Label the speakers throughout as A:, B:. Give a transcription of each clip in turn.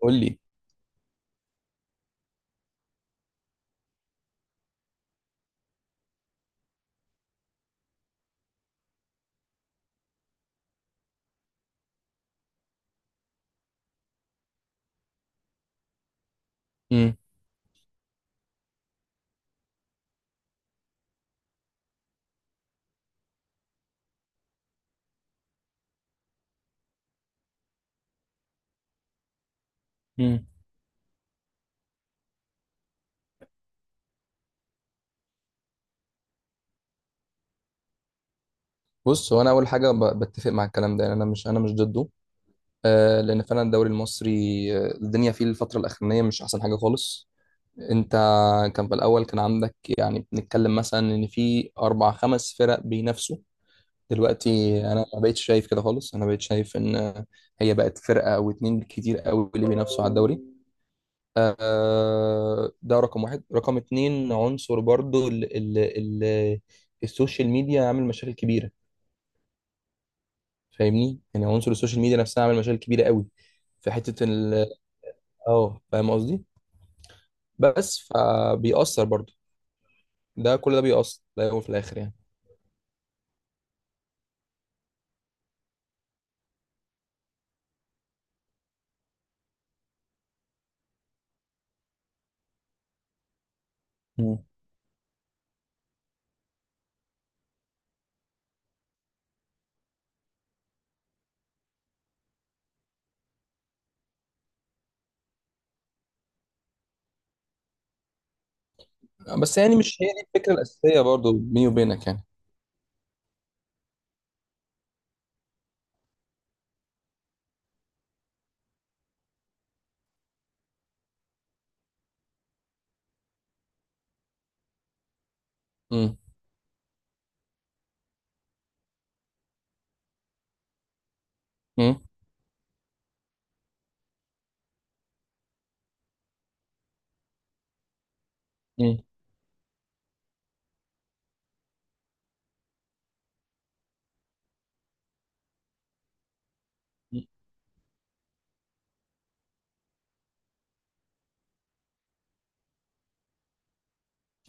A: قول لي. امم امم بص، هو انا اول حاجه بتفق مع الكلام ده، يعني انا مش ضده. آه، لان فعلا الدوري المصري، الدنيا فيه الفتره الاخرانيه مش احسن حاجه خالص. انت كان في الاول كان عندك، يعني بنتكلم مثلا ان في اربع خمس فرق بينافسوا. دلوقتي انا ما بقتش شايف كده خالص، انا بقيت شايف ان هي بقت فرقه او اتنين كتير قوي اللي بينافسوا على الدوري. آه، ده رقم واحد. رقم اتنين، عنصر برضو ال السوشيال ميديا عامل مشاكل كبيره. فاهمني؟ يعني عنصر السوشيال ميديا نفسها عامل مشاكل كبيره قوي. في حته ال اه فاهم قصدي؟ بس فبيأثر برضو، ده كل ده بيأثر في الاول وفي الاخر يعني. مم. بس يعني مش هي دي الفكره الاساسيه برضو بيني وبينك يعني. امم امم امم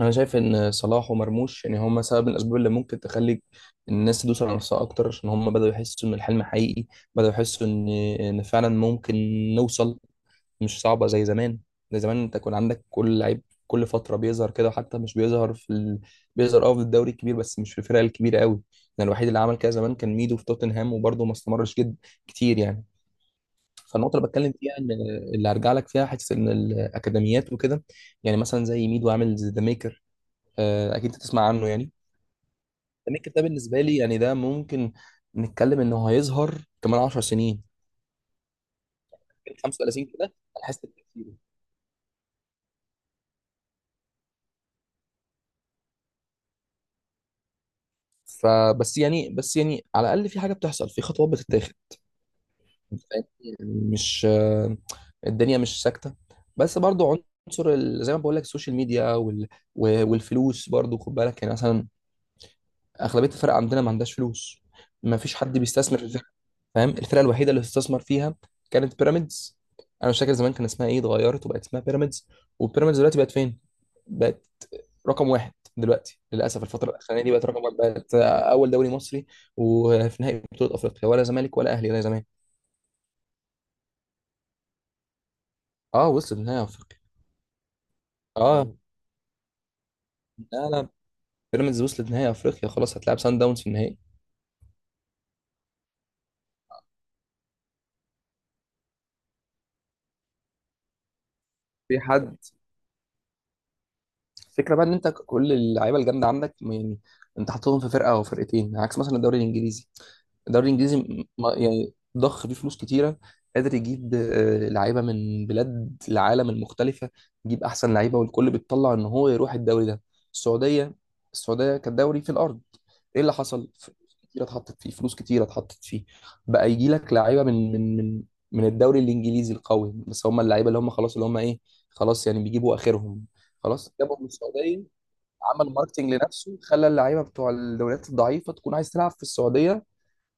A: انا شايف ان صلاح ومرموش، يعني هم سبب من الاسباب اللي ممكن تخلي الناس تدوس على نفسها اكتر، عشان هم بداوا يحسوا ان الحلم حقيقي، بداوا يحسوا ان فعلا ممكن نوصل. مش صعبة زي زمان. زي زمان انت كان عندك كل لعيب كل فترة بيظهر كده، وحتى مش بيظهر بيظهر في الدوري الكبير بس مش في الفرق الكبيرة قوي. يعني الوحيد اللي عمل كده زمان كان ميدو في توتنهام، وبرضه ما استمرش جد كتير يعني. فالنقطة اللي بتكلم فيها ان اللي هرجع لك فيها حتة ان الأكاديميات وكده، يعني مثلا زي ميدو عامل ذا ميكر. آه، أكيد انت تسمع عنه يعني. ذا ميكر ده بالنسبة لي يعني ده ممكن نتكلم انه هيظهر كمان 10 سنين، 35 كده هنحس بتأثيره. فبس يعني بس يعني على الاقل في حاجه بتحصل، في خطوات بتتاخد. أنت فاهمني؟ مش آه، الدنيا مش ساكته. بس برضو عنصر زي ما بقول لك السوشيال ميديا والفلوس برضو، خد بالك. يعني مثلا اغلبيه الفرق عندنا ما عندهاش فلوس، ما فيش حد بيستثمر في الفرقه. فاهم؟ الفرقه الوحيده اللي استثمر فيها كانت بيراميدز. انا مش فاكر زمان كان اسمها ايه، اتغيرت وبقت اسمها بيراميدز. وبيراميدز دلوقتي بقت فين؟ بقت رقم واحد دلوقتي، للاسف الفتره الاخرانيه دي بقت رقم واحد، بقت اول دوري مصري وفي نهائي بطوله افريقيا، ولا زمالك ولا اهلي زي زمان. اه، وصلت نهائي افريقيا. اه. مم. لا، لا، بيراميدز وصلت نهائي افريقيا، خلاص هتلعب سان داونز في النهائي. في حد الفكره بقى ان انت كل اللعيبه الجامده عندك يعني انت حاططهم في فرقه او فرقتين، عكس مثلا الدوري الانجليزي. الدوري الانجليزي يعني ضخ فيه فلوس كتيره، قادر يجيب لعيبه من بلاد العالم المختلفه، يجيب احسن لعيبه، والكل بيتطلع ان هو يروح الدوري ده. السعوديه السعوديه كدوري في الارض، ايه اللي حصل؟ كتير اتحطت فيه، فلوس كتير اتحطت فيه، بقى يجي لك لعيبه من الدوري الانجليزي القوي. بس هم اللعيبه اللي هم خلاص، اللي هم ايه، خلاص يعني بيجيبوا اخرهم، خلاص جابهم من السعوديه. عمل ماركتنج لنفسه، خلى اللعيبه بتوع الدوريات الضعيفه تكون عايز تلعب في السعوديه،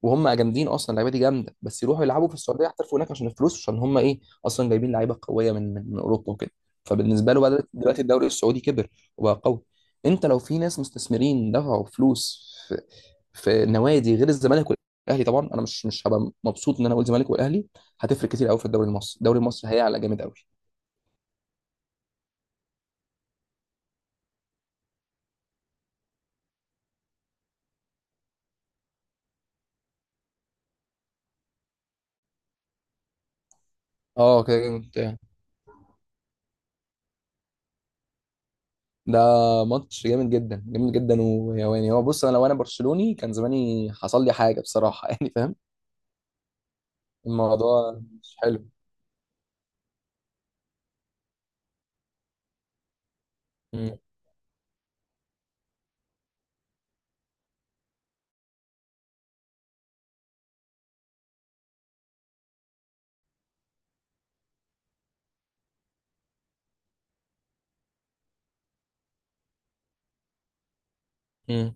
A: وهم جامدين اصلا، اللعيبه دي جامده، بس يروحوا يلعبوا في السعوديه يحترفوا هناك عشان الفلوس، عشان هم ايه، اصلا جايبين لعيبه قويه من اوروبا وكده. فبالنسبه له بدأت دلوقتي الدوري السعودي كبر وبقى قوي. انت لو في ناس مستثمرين دفعوا فلوس في نوادي غير الزمالك والاهلي، طبعا انا مش هبقى مبسوط ان انا اقول الزمالك والاهلي، هتفرق كتير قوي في الدوري المصري، الدوري المصري هيعلى جامد قوي. اه كده جامد. ده ماتش جامد جدا جامد جدا، ويواني. هو بص، انا لو انا برشلوني كان زماني حصل لي حاجه بصراحه يعني فاهم؟ الموضوع مش حلو. مم. مم.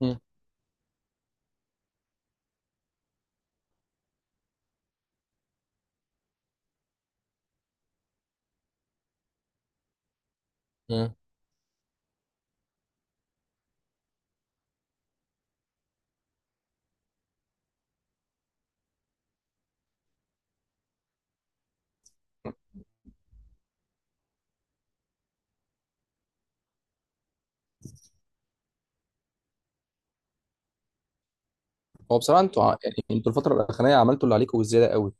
A: مم. مم. هو بصراحه انتوا يعني انتوا الفتره الاخرانيه عملتوا اللي عليكم وزياده قوي.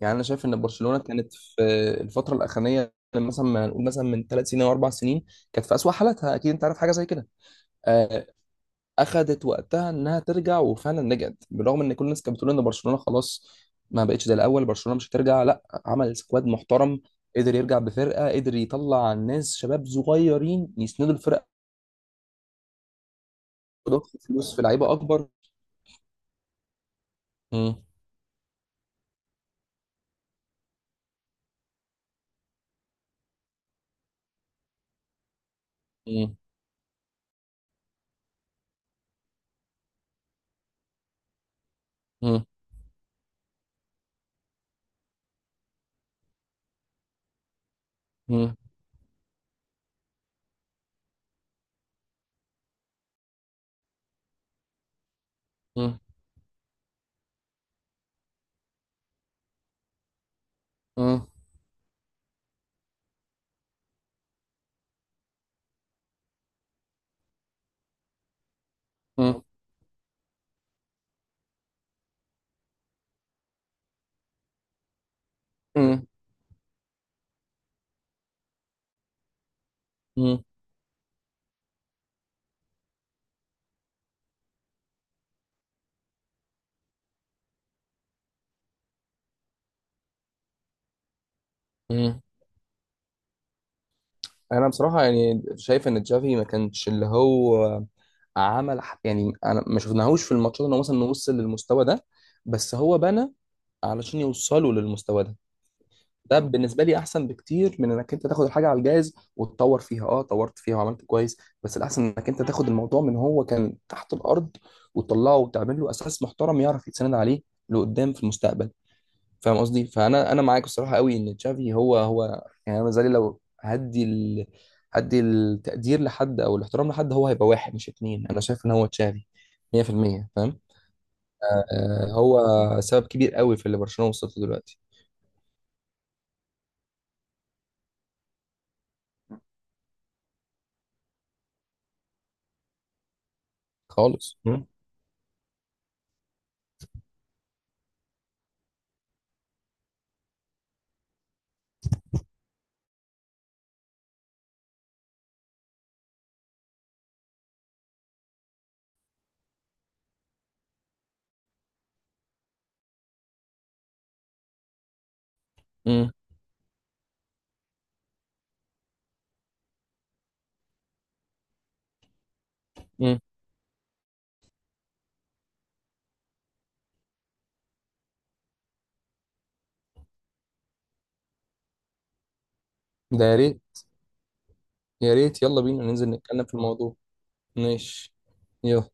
A: يعني انا شايف ان برشلونه كانت في الفتره الاخرانيه، مثلا ما نقول مثلا من ثلاث سنين او اربع سنين، كانت في اسوأ حالاتها، اكيد انت عارف حاجه زي كده. آه، اخذت وقتها انها ترجع وفعلا رجعت، بالرغم ان كل الناس كانت بتقول ان برشلونه خلاص ما بقتش زي الاول، برشلونه مش هترجع. لا، عمل سكواد محترم، قدر يرجع بفرقه، قدر يطلع ناس شباب صغيرين يسندوا الفرقه، ويضخوا فلوس في لعيبه اكبر. مم. مم. مم. مم. مم. مم. مم. مم. مم. مم. انا بصراحه يعني شايف ان تشافي ما كانش اللي هو عمل يعني انا ما شفناهوش في الماتشات ان هو مثلا وصل للمستوى ده، بس هو بنى علشان يوصلوا للمستوى ده. ده بالنسبه لي احسن بكتير من انك انت تاخد الحاجه على الجاهز وتطور فيها، طورت فيها وعملت كويس، بس الاحسن انك انت تاخد الموضوع من هو كان تحت الارض وتطلعه وتعمل له اساس محترم يعرف يتسند عليه لقدام في المستقبل. فاهم قصدي؟ فانا معاك الصراحه قوي ان تشافي هو يعني، انا زي لو هدي التقدير لحد او الاحترام لحد، هو هيبقى واحد مش اتنين، انا شايف ان هو تشافي 100% فاهم؟ آه، هو سبب كبير قوي في اللي برشلونه وصلت له دلوقتي. خالص. مم. امم امم ده يا ريت. يا ريت، يلا بينا ننزل نتكلم في الموضوع. ماشي. يلا.